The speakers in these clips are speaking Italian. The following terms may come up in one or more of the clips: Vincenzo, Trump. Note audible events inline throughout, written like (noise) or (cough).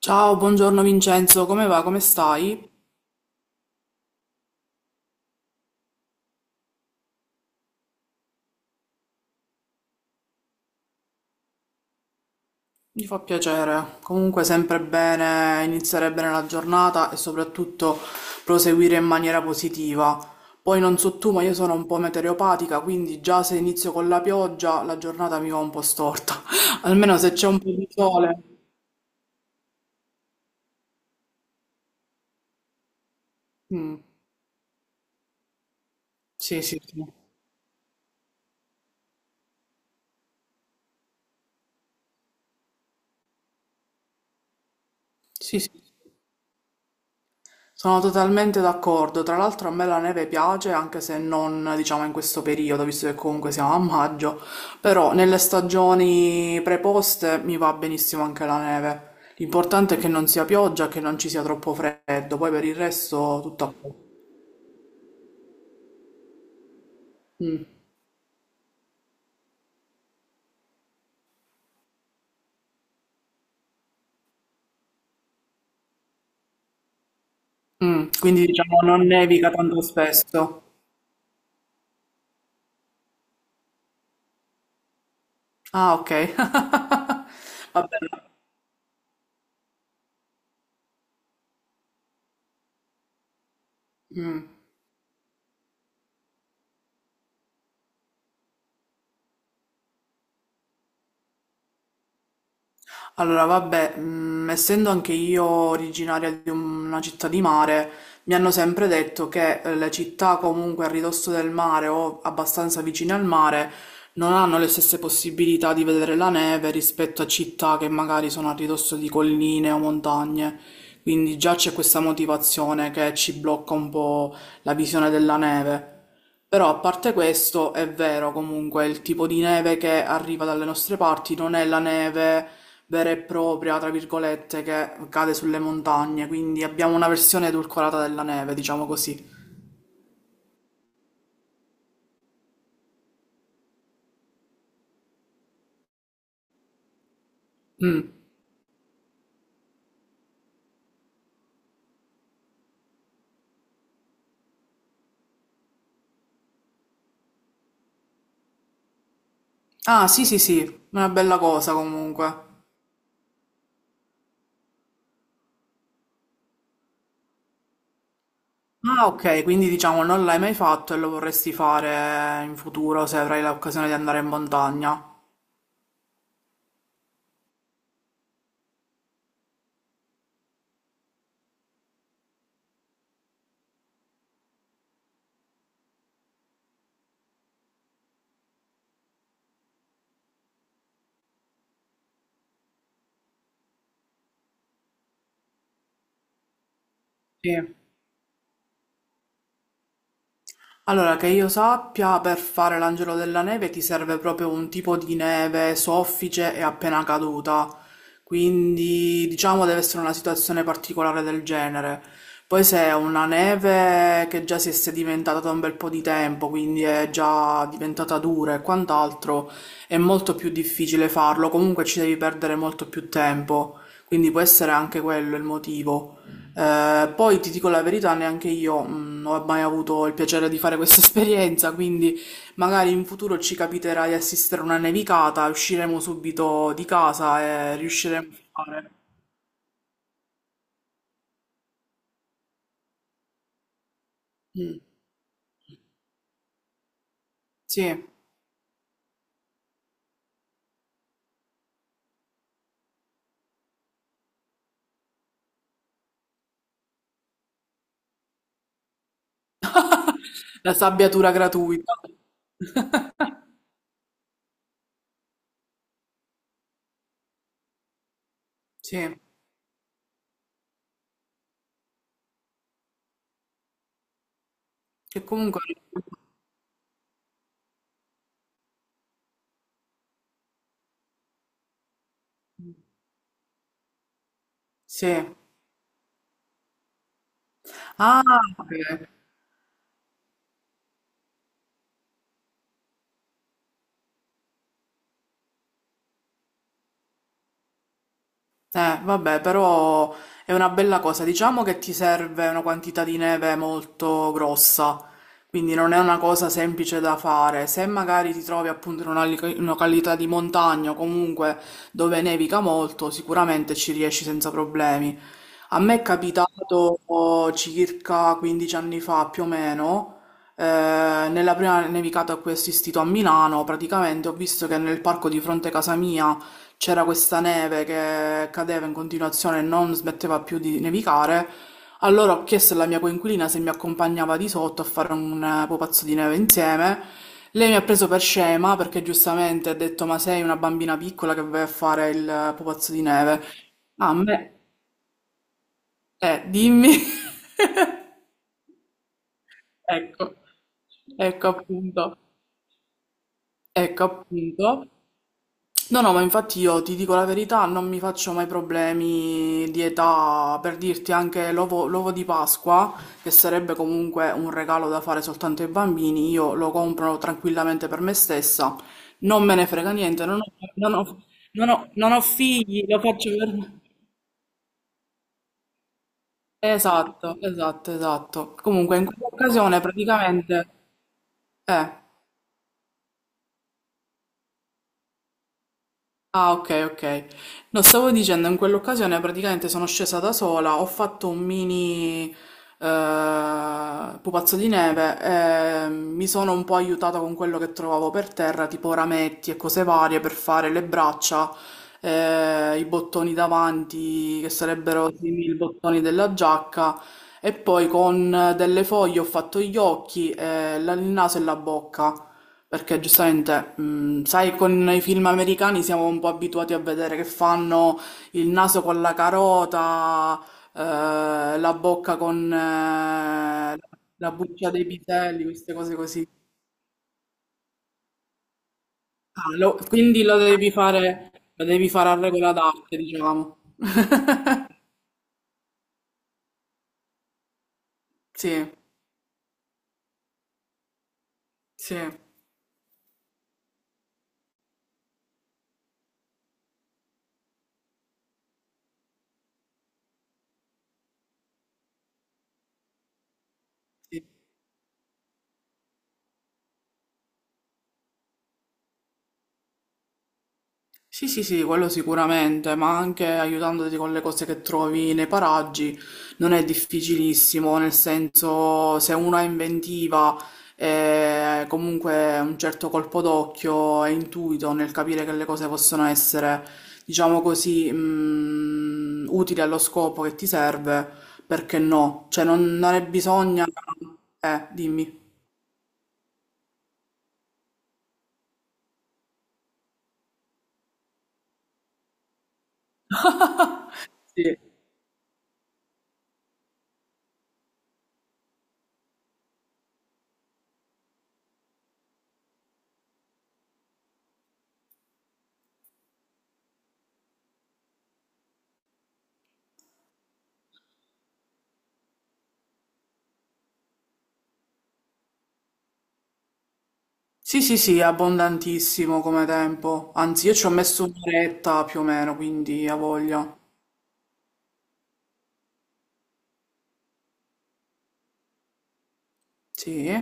Ciao, buongiorno Vincenzo, come va? Come stai? Mi fa piacere. Comunque sempre bene iniziare bene la giornata e soprattutto proseguire in maniera positiva. Poi non so tu, ma io sono un po' meteoropatica, quindi già se inizio con la pioggia la giornata mi va un po' storta. (laughs) Almeno se c'è un po' di sole. Mm, sì, sì, sì. Sì, sì. Sono totalmente d'accordo, tra l'altro a me la neve piace anche se non diciamo in questo periodo, visto che comunque siamo a maggio, però nelle stagioni preposte mi va benissimo anche la neve. L'importante è che non sia pioggia, che non ci sia troppo freddo, poi per il resto tutto a posto. Mm, quindi diciamo non nevica tanto spesso. Ah, ok. (laughs) Va bene. Mm. Allora, vabbè, essendo anche io originaria di una città di mare, mi hanno sempre detto che le città comunque a ridosso del mare o abbastanza vicine al mare non hanno le stesse possibilità di vedere la neve rispetto a città che magari sono a ridosso di colline o montagne. Quindi già c'è questa motivazione che ci blocca un po' la visione della neve. Però a parte questo, è vero comunque, il tipo di neve che arriva dalle nostre parti non è la neve vera e propria, tra virgolette, che cade sulle montagne, quindi abbiamo una versione edulcorata della neve, diciamo così. Mm. Ah, sì, sì, sì, una bella cosa comunque. Ah, ok, quindi diciamo non l'hai mai fatto e lo vorresti fare in futuro se avrai l'occasione di andare in montagna. Sì. Allora, che io sappia, per fare l'angelo della neve ti serve proprio un tipo di neve soffice e appena caduta, quindi diciamo deve essere una situazione particolare del genere. Poi se è una neve che già si è sedimentata da un bel po' di tempo, quindi è già diventata dura e quant'altro, è molto più difficile farlo, comunque ci devi perdere molto più tempo, quindi può essere anche quello il motivo. Poi ti dico la verità, neanche io non ho mai avuto il piacere di fare (laughs) questa esperienza, quindi magari in futuro ci capiterà di assistere a una nevicata, usciremo subito di casa e riusciremo a fare. Mm, sì, la sabbiatura gratuita. Sì, che comunque... Sì. Ah, ok. Vabbè, però è una bella cosa. Diciamo che ti serve una quantità di neve molto grossa, quindi non è una cosa semplice da fare. Se magari ti trovi appunto in una in una località di montagna o comunque dove nevica molto, sicuramente ci riesci senza problemi. A me è capitato oh, circa 15 anni fa più o meno, eh, nella prima nevicata a cui ho assistito a Milano, praticamente ho visto che nel parco di fronte a casa mia c'era questa neve che cadeva in continuazione e non smetteva più di nevicare. Allora ho chiesto alla mia coinquilina se mi accompagnava di sotto a fare un pupazzo di neve insieme. Lei mi ha preso per scema perché giustamente ha detto: Ma sei una bambina piccola che vai a fare il pupazzo di neve? A me, dimmi. (laughs) Ecco, ecco appunto, ecco appunto. No, no, ma infatti io ti dico la verità, non mi faccio mai problemi di età, per dirti anche l'ovo di Pasqua, che sarebbe comunque un regalo da fare soltanto ai bambini, io lo compro tranquillamente per me stessa, non me ne frega niente, non ho figli, lo faccio per... Esatto, esatto, esatto. Comunque in quell'occasione praticamente... Eh. Ah, ok, ok. No, stavo dicendo, in quell'occasione praticamente sono scesa da sola, ho fatto un mini pupazzo di neve, e mi sono un po' aiutata con quello che trovavo per terra, tipo rametti e cose varie per fare le braccia, i bottoni davanti, che sarebbero simili ai bottoni della giacca, e poi con delle foglie ho fatto gli occhi, il naso e la bocca. Perché giustamente, sai, con i film americani siamo un po' abituati a vedere che fanno il naso con la carota, la bocca con la buccia dei piselli, queste cose così. Quindi lo devi fare a regola d'arte, diciamo. (laughs) Sì, sì, sì. Sì, sì, sì, quello sicuramente, ma anche aiutandoti con le cose che trovi nei paraggi non è difficilissimo, nel senso se uno è inventiva e comunque un certo colpo d'occhio e intuito nel capire che le cose possono essere, diciamo così, utili allo scopo che ti serve, perché no? Cioè non è bisogno... dimmi. Sì, sì, sì, è abbondantissimo come tempo. Anzi, io ci ho messo un'oretta più o meno, quindi a voglia. Sì,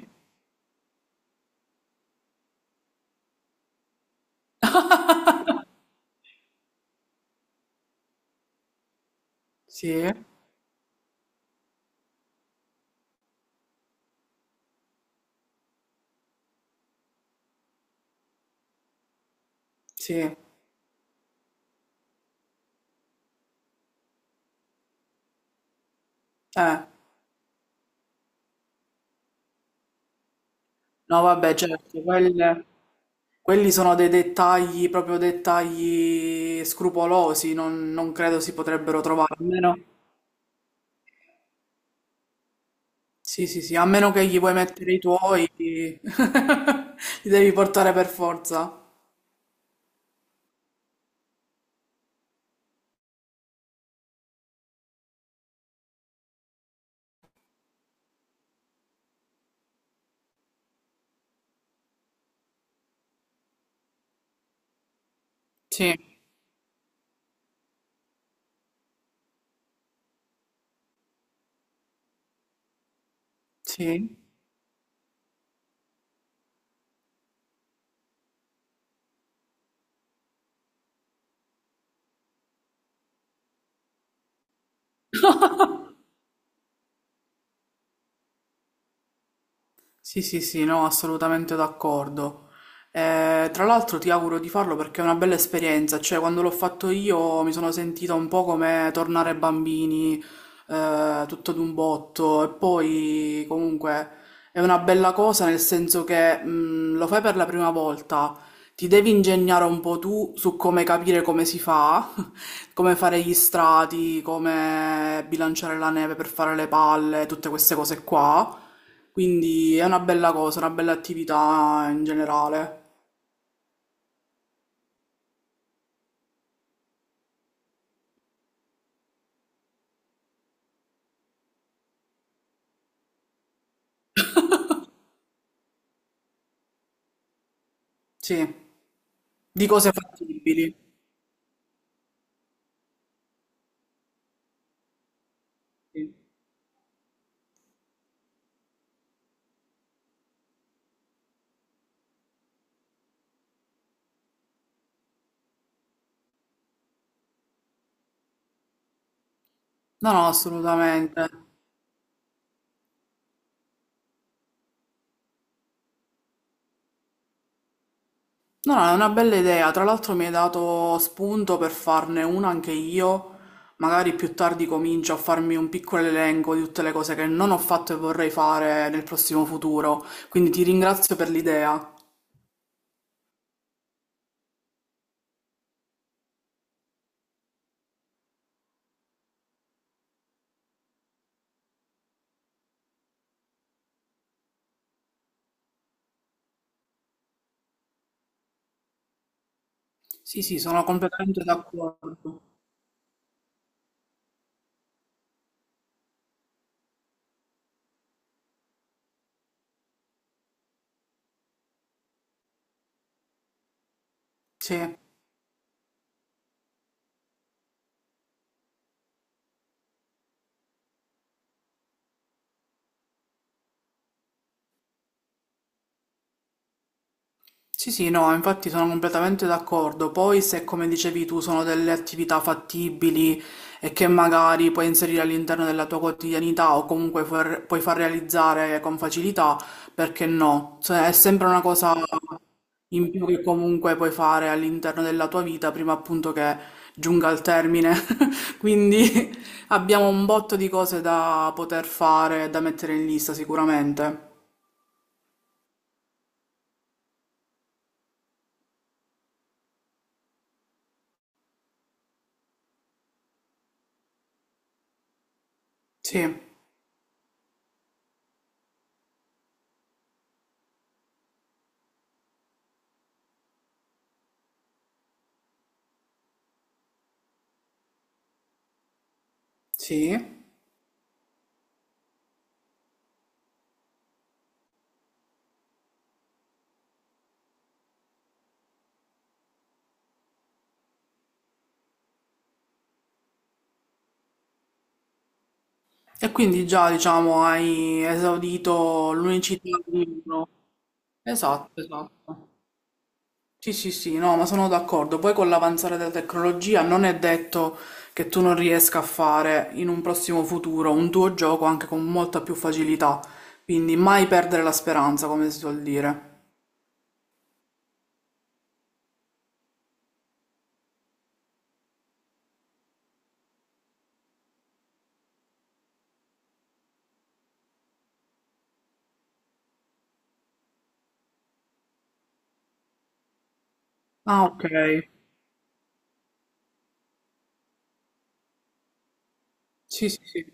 sì, sì. Eh, no, vabbè, certo, quelli sono dei dettagli, proprio dettagli scrupolosi, non credo si potrebbero trovare. A meno, sì, sì, sì, a meno che gli vuoi mettere i tuoi, (laughs) li devi portare per forza. Sì, sì. Sì, sì, sì, no, assolutamente d'accordo. Tra l'altro ti auguro di farlo perché è una bella esperienza, cioè quando l'ho fatto io mi sono sentita un po' come tornare bambini, tutto d'un botto e poi comunque è una bella cosa nel senso che lo fai per la prima volta, ti devi ingegnare un po' tu su come capire come si fa come fare gli strati, come bilanciare la neve per fare le palle, tutte queste cose qua. Quindi è una bella cosa, una bella attività in generale. Sì, di cose fattibili. Sì. No, no, assolutamente. No, no, è una bella idea. Tra l'altro mi hai dato spunto per farne una anche io. Magari più tardi comincio a farmi un piccolo elenco di tutte le cose che non ho fatto e vorrei fare nel prossimo futuro. Quindi ti ringrazio per l'idea. Sì, sì, sono completamente d'accordo. Sì. Sì, sì, no, infatti sono completamente d'accordo. Poi se, come dicevi tu, sono delle attività fattibili e che magari puoi inserire all'interno della tua quotidianità o comunque puoi far realizzare con facilità, perché no? Cioè, è sempre una cosa in più che comunque puoi fare all'interno della tua vita prima appunto che giunga al termine. (laughs) Quindi (laughs) abbiamo un botto di cose da poter fare e da mettere in lista sicuramente. Sì, sì. E quindi già, diciamo, hai esaurito l'unicità del libro. Esatto, esatto. Sì, sì, sì, no, ma sono d'accordo. Poi con l'avanzare della tecnologia non è detto che tu non riesca a fare in un prossimo futuro un tuo gioco anche con molta più facilità. Quindi mai perdere la speranza, come si suol dire. Ah, ok. Sì, sì, sì.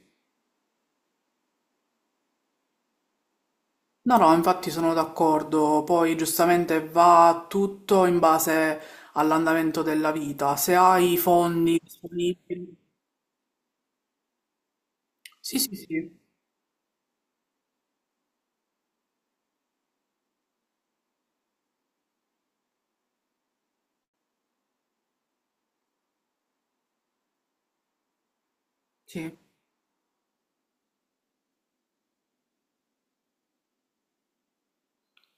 No, no, infatti sono d'accordo, poi giustamente va tutto in base all'andamento della vita, se hai i fondi disponibili. Sì, sì, sì, sì.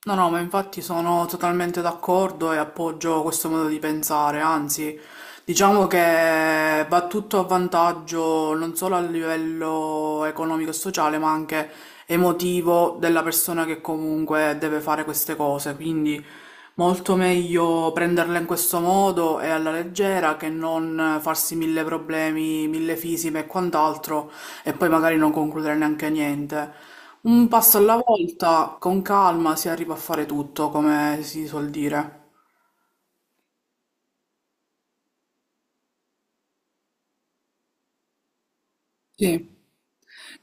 No, no, ma infatti sono totalmente d'accordo e appoggio questo modo di pensare, anzi, diciamo che va tutto a vantaggio non solo a livello economico e sociale, ma anche emotivo della persona che comunque deve fare queste cose, quindi molto meglio prenderla in questo modo e alla leggera che non farsi mille problemi, mille fisime e quant'altro e poi magari non concludere neanche niente. Un passo alla volta, con calma si arriva a fare tutto, come si suol dire. Sì,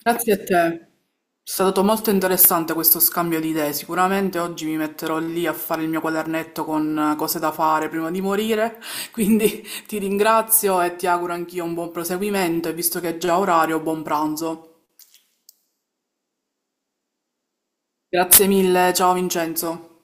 grazie a te. È stato molto interessante questo scambio di idee. Sicuramente oggi mi metterò lì a fare il mio quadernetto con cose da fare prima di morire. (laughs) Quindi ti ringrazio e ti auguro anch'io un buon proseguimento e visto che è già orario, buon pranzo. Grazie mille, ciao Vincenzo.